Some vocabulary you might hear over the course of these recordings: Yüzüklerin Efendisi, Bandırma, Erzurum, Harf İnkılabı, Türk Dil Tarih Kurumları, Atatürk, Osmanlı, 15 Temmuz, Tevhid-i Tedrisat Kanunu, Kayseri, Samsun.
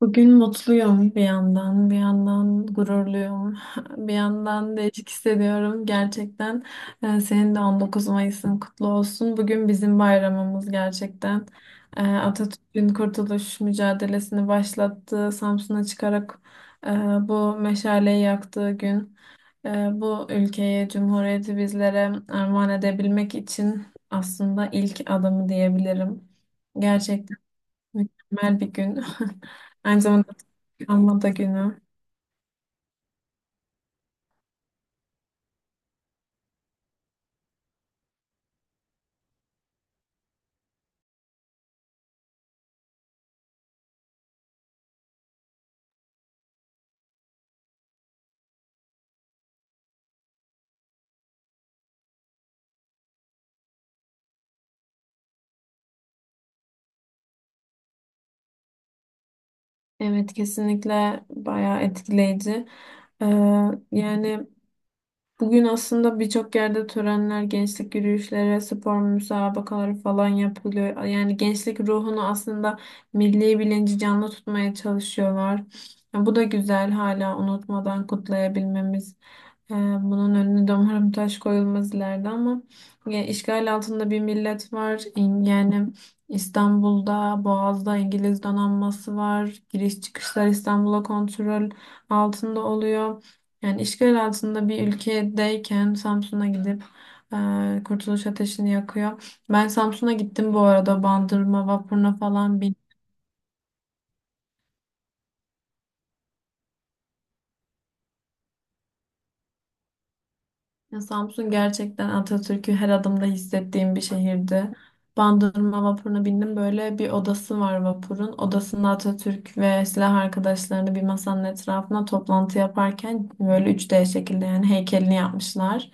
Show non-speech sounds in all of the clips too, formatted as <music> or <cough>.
Bugün mutluyum bir yandan, bir yandan gururluyum, <laughs> bir yandan değişik hissediyorum gerçekten. Senin de 19 Mayıs'ın kutlu olsun. Bugün bizim bayramımız gerçekten. Atatürk'ün kurtuluş mücadelesini başlattığı, Samsun'a çıkarak e, bu meşaleyi yaktığı gün, e, bu ülkeyi, cumhuriyeti bizlere armağan edebilmek için aslında ilk adımı diyebilirim. Gerçekten. Mükemmel bir gün. <laughs> Aynı zamanda anma da günü. Evet, kesinlikle bayağı etkileyici. Ee, yani bugün aslında birçok yerde törenler, gençlik yürüyüşleri, spor müsabakaları falan yapılıyor. Yani gençlik ruhunu, aslında milli bilinci canlı tutmaya çalışıyorlar. Ya bu da güzel, hala unutmadan kutlayabilmemiz. Ee, Bunun önüne de umarım taş koyulmaz ileride ama ya, işgal altında bir millet var. Yani İstanbul'da, Boğaz'da İngiliz donanması var. Giriş çıkışlar İstanbul'a kontrol altında oluyor. Yani işgal altında bir ülkedeyken Samsun'a gidip Kurtuluş Ateşi'ni yakıyor. Ben Samsun'a gittim bu arada, Bandırma vapuruna falan bin. Ya Samsun gerçekten Atatürk'ü her adımda hissettiğim bir şehirdi. Bandırma vapuruna bindim. Böyle bir odası var vapurun. Odasında Atatürk ve silah arkadaşlarını bir masanın etrafına toplantı yaparken böyle üç d şekilde yani heykelini yapmışlar.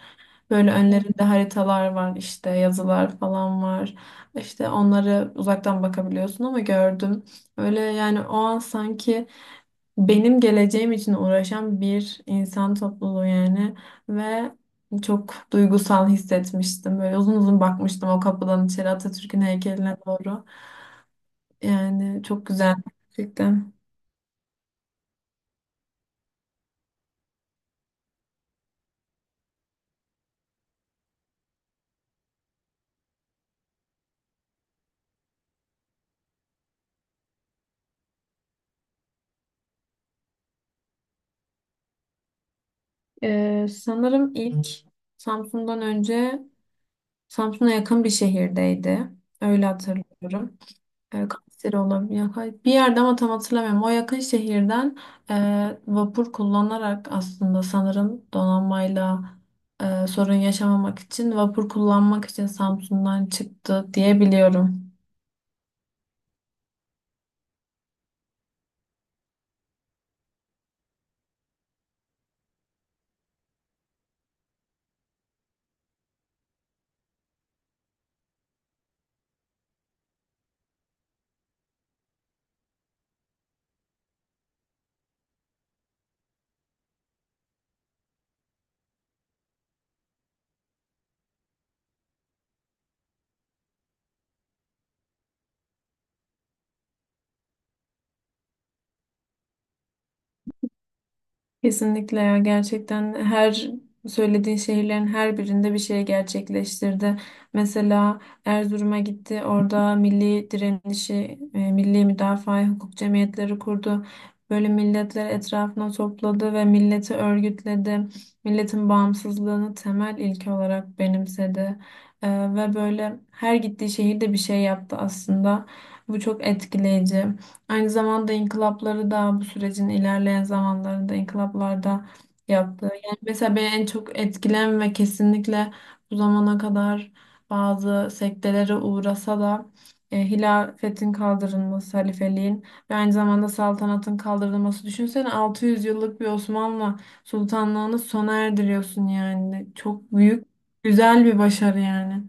Böyle önlerinde haritalar var, işte yazılar falan var. İşte onları uzaktan bakabiliyorsun ama gördüm. Öyle yani o an sanki benim geleceğim için uğraşan bir insan topluluğu yani ve çok duygusal hissetmiştim. Böyle uzun uzun bakmıştım o kapıdan içeri Atatürk'ün heykeline doğru. Yani çok güzel gerçekten. Sanırım ilk Samsun'dan önce Samsun'a yakın bir şehirdeydi. Öyle hatırlıyorum. Kayseri olabiliyor. Bir yerde ama tam hatırlamıyorum. O yakın şehirden vapur kullanarak aslında sanırım donanmayla sorun yaşamamak için vapur kullanmak için Samsun'dan çıktı diye biliyorum. Kesinlikle ya, gerçekten her söylediğin şehirlerin her birinde bir şey gerçekleştirdi. Mesela Erzurum'a gitti, orada milli direnişi, milli müdafaa hukuk cemiyetleri kurdu. Böyle milletleri etrafına topladı ve milleti örgütledi. Milletin bağımsızlığını temel ilke olarak benimsedi. E, ve böyle her gittiği şehirde bir şey yaptı aslında. Bu çok etkileyici. Aynı zamanda inkılapları da bu sürecin ilerleyen zamanlarında inkılaplarda yaptı. Yani mesela beni en çok etkilen ve kesinlikle bu zamana kadar bazı sektelere uğrasa da hilafetin kaldırılması, halifeliğin ve aynı zamanda saltanatın kaldırılması. Düşünsene 600 yıllık bir Osmanlı sultanlığını sona erdiriyorsun yani. Çok büyük, güzel bir başarı yani.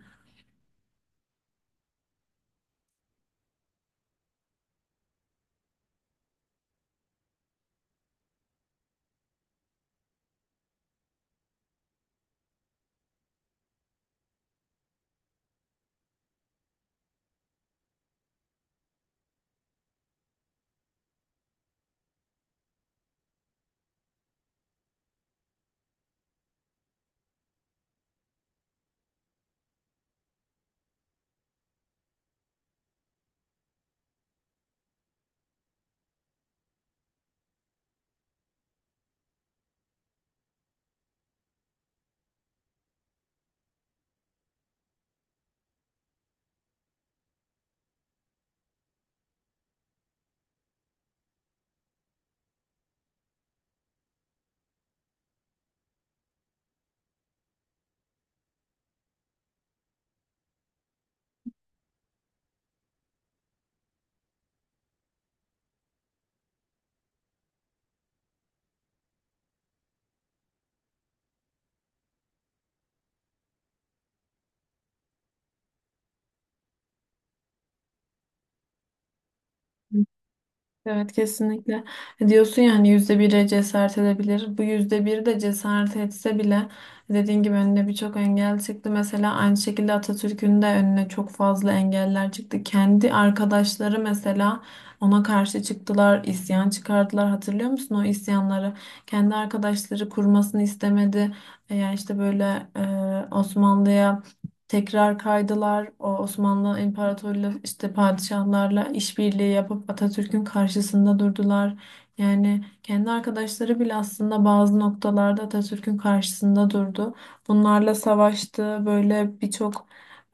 Evet kesinlikle. Diyorsun ya hani yüzde bire cesaret edebilir. Bu yüzde bir de cesaret etse bile dediğin gibi önüne birçok engel çıktı. Mesela aynı şekilde Atatürk'ün de önüne çok fazla engeller çıktı. Kendi arkadaşları mesela ona karşı çıktılar, isyan çıkardılar. Hatırlıyor musun o isyanları? Kendi arkadaşları kurmasını istemedi. Yani işte böyle Osmanlı'ya tekrar kaydılar. O Osmanlı İmparatorluğu işte padişahlarla işbirliği yapıp Atatürk'ün karşısında durdular. Yani kendi arkadaşları bile aslında bazı noktalarda Atatürk'ün karşısında durdu. Bunlarla savaştı. Böyle birçok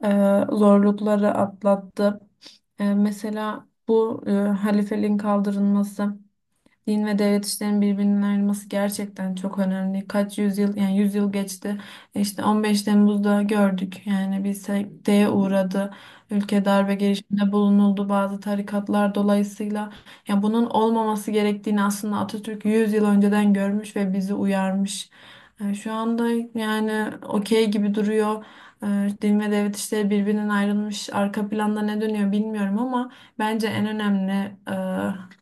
e, zorlukları atlattı. Mesela bu halifeliğin kaldırılması. Din ve devlet işlerinin birbirinden ayrılması gerçekten çok önemli. Kaç yüzyıl yani yüzyıl geçti. İşte 15 Temmuz'da gördük. Yani bir sekteye uğradı. Ülke darbe girişiminde bulunuldu bazı tarikatlar dolayısıyla. Yani bunun olmaması gerektiğini aslında Atatürk 100 yıl önceden görmüş ve bizi uyarmış. Yani şu anda yani okey gibi duruyor. Din ve devlet işleri birbirinden ayrılmış. Arka planda ne dönüyor bilmiyorum ama bence en önemli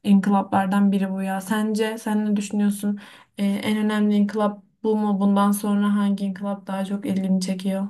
e, inkılaplardan biri bu ya. Sence sen ne düşünüyorsun? En önemli inkılap bu mu? Bundan sonra hangi inkılap daha çok ilgini çekiyor?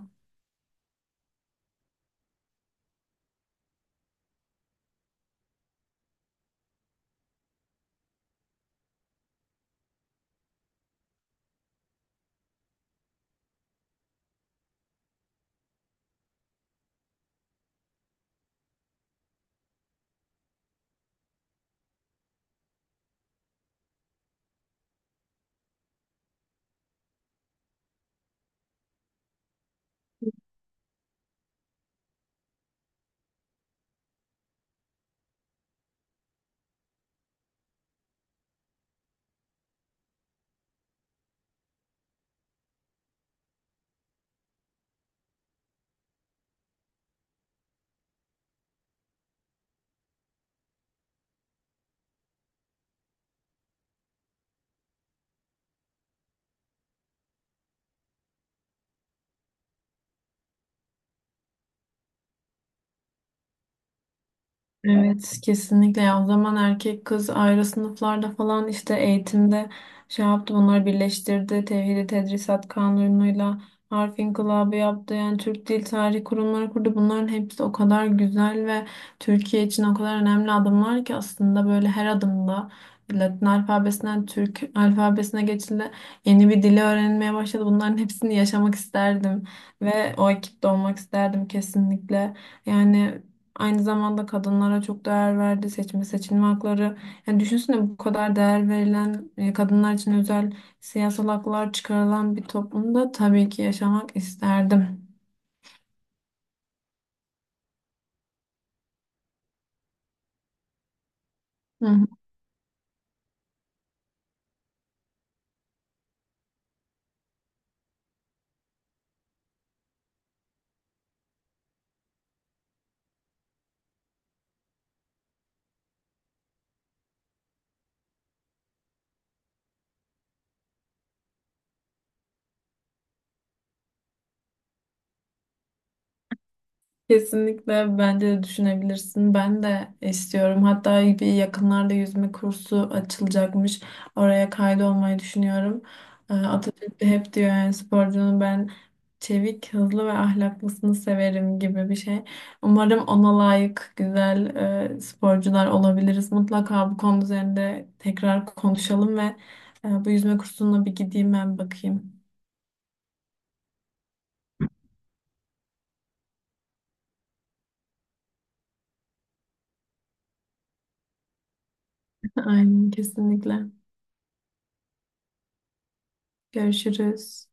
Evet kesinlikle ya, o zaman erkek kız ayrı sınıflarda falan işte eğitimde şey yaptı, bunları birleştirdi Tevhid-i Tedrisat Kanunu'yla. Harf İnkılabı yaptı, yani Türk Dil Tarih Kurumları kurdu. Bunların hepsi o kadar güzel ve Türkiye için o kadar önemli adımlar ki aslında böyle her adımda Latin alfabesinden Türk alfabesine geçildi, yeni bir dili öğrenmeye başladı. Bunların hepsini yaşamak isterdim ve o ekipte olmak isterdim kesinlikle. Yani aynı zamanda kadınlara çok değer verdi. Seçme seçilme hakları. Yani düşünsene bu kadar değer verilen kadınlar için özel siyasal haklar çıkarılan bir toplumda tabii ki yaşamak isterdim. Hı. Kesinlikle bence de düşünebilirsin. Ben de istiyorum. Hatta bir yakınlarda yüzme kursu açılacakmış. Oraya kaydolmayı düşünüyorum. Atatürk de hep diyor yani sporcunun ben çevik, hızlı ve ahlaklısını severim gibi bir şey. Umarım ona layık güzel sporcular olabiliriz. Mutlaka bu konu üzerinde tekrar konuşalım ve bu yüzme kursuna bir gideyim ben bakayım. <laughs> Aynen kesinlikle. Görüşürüz.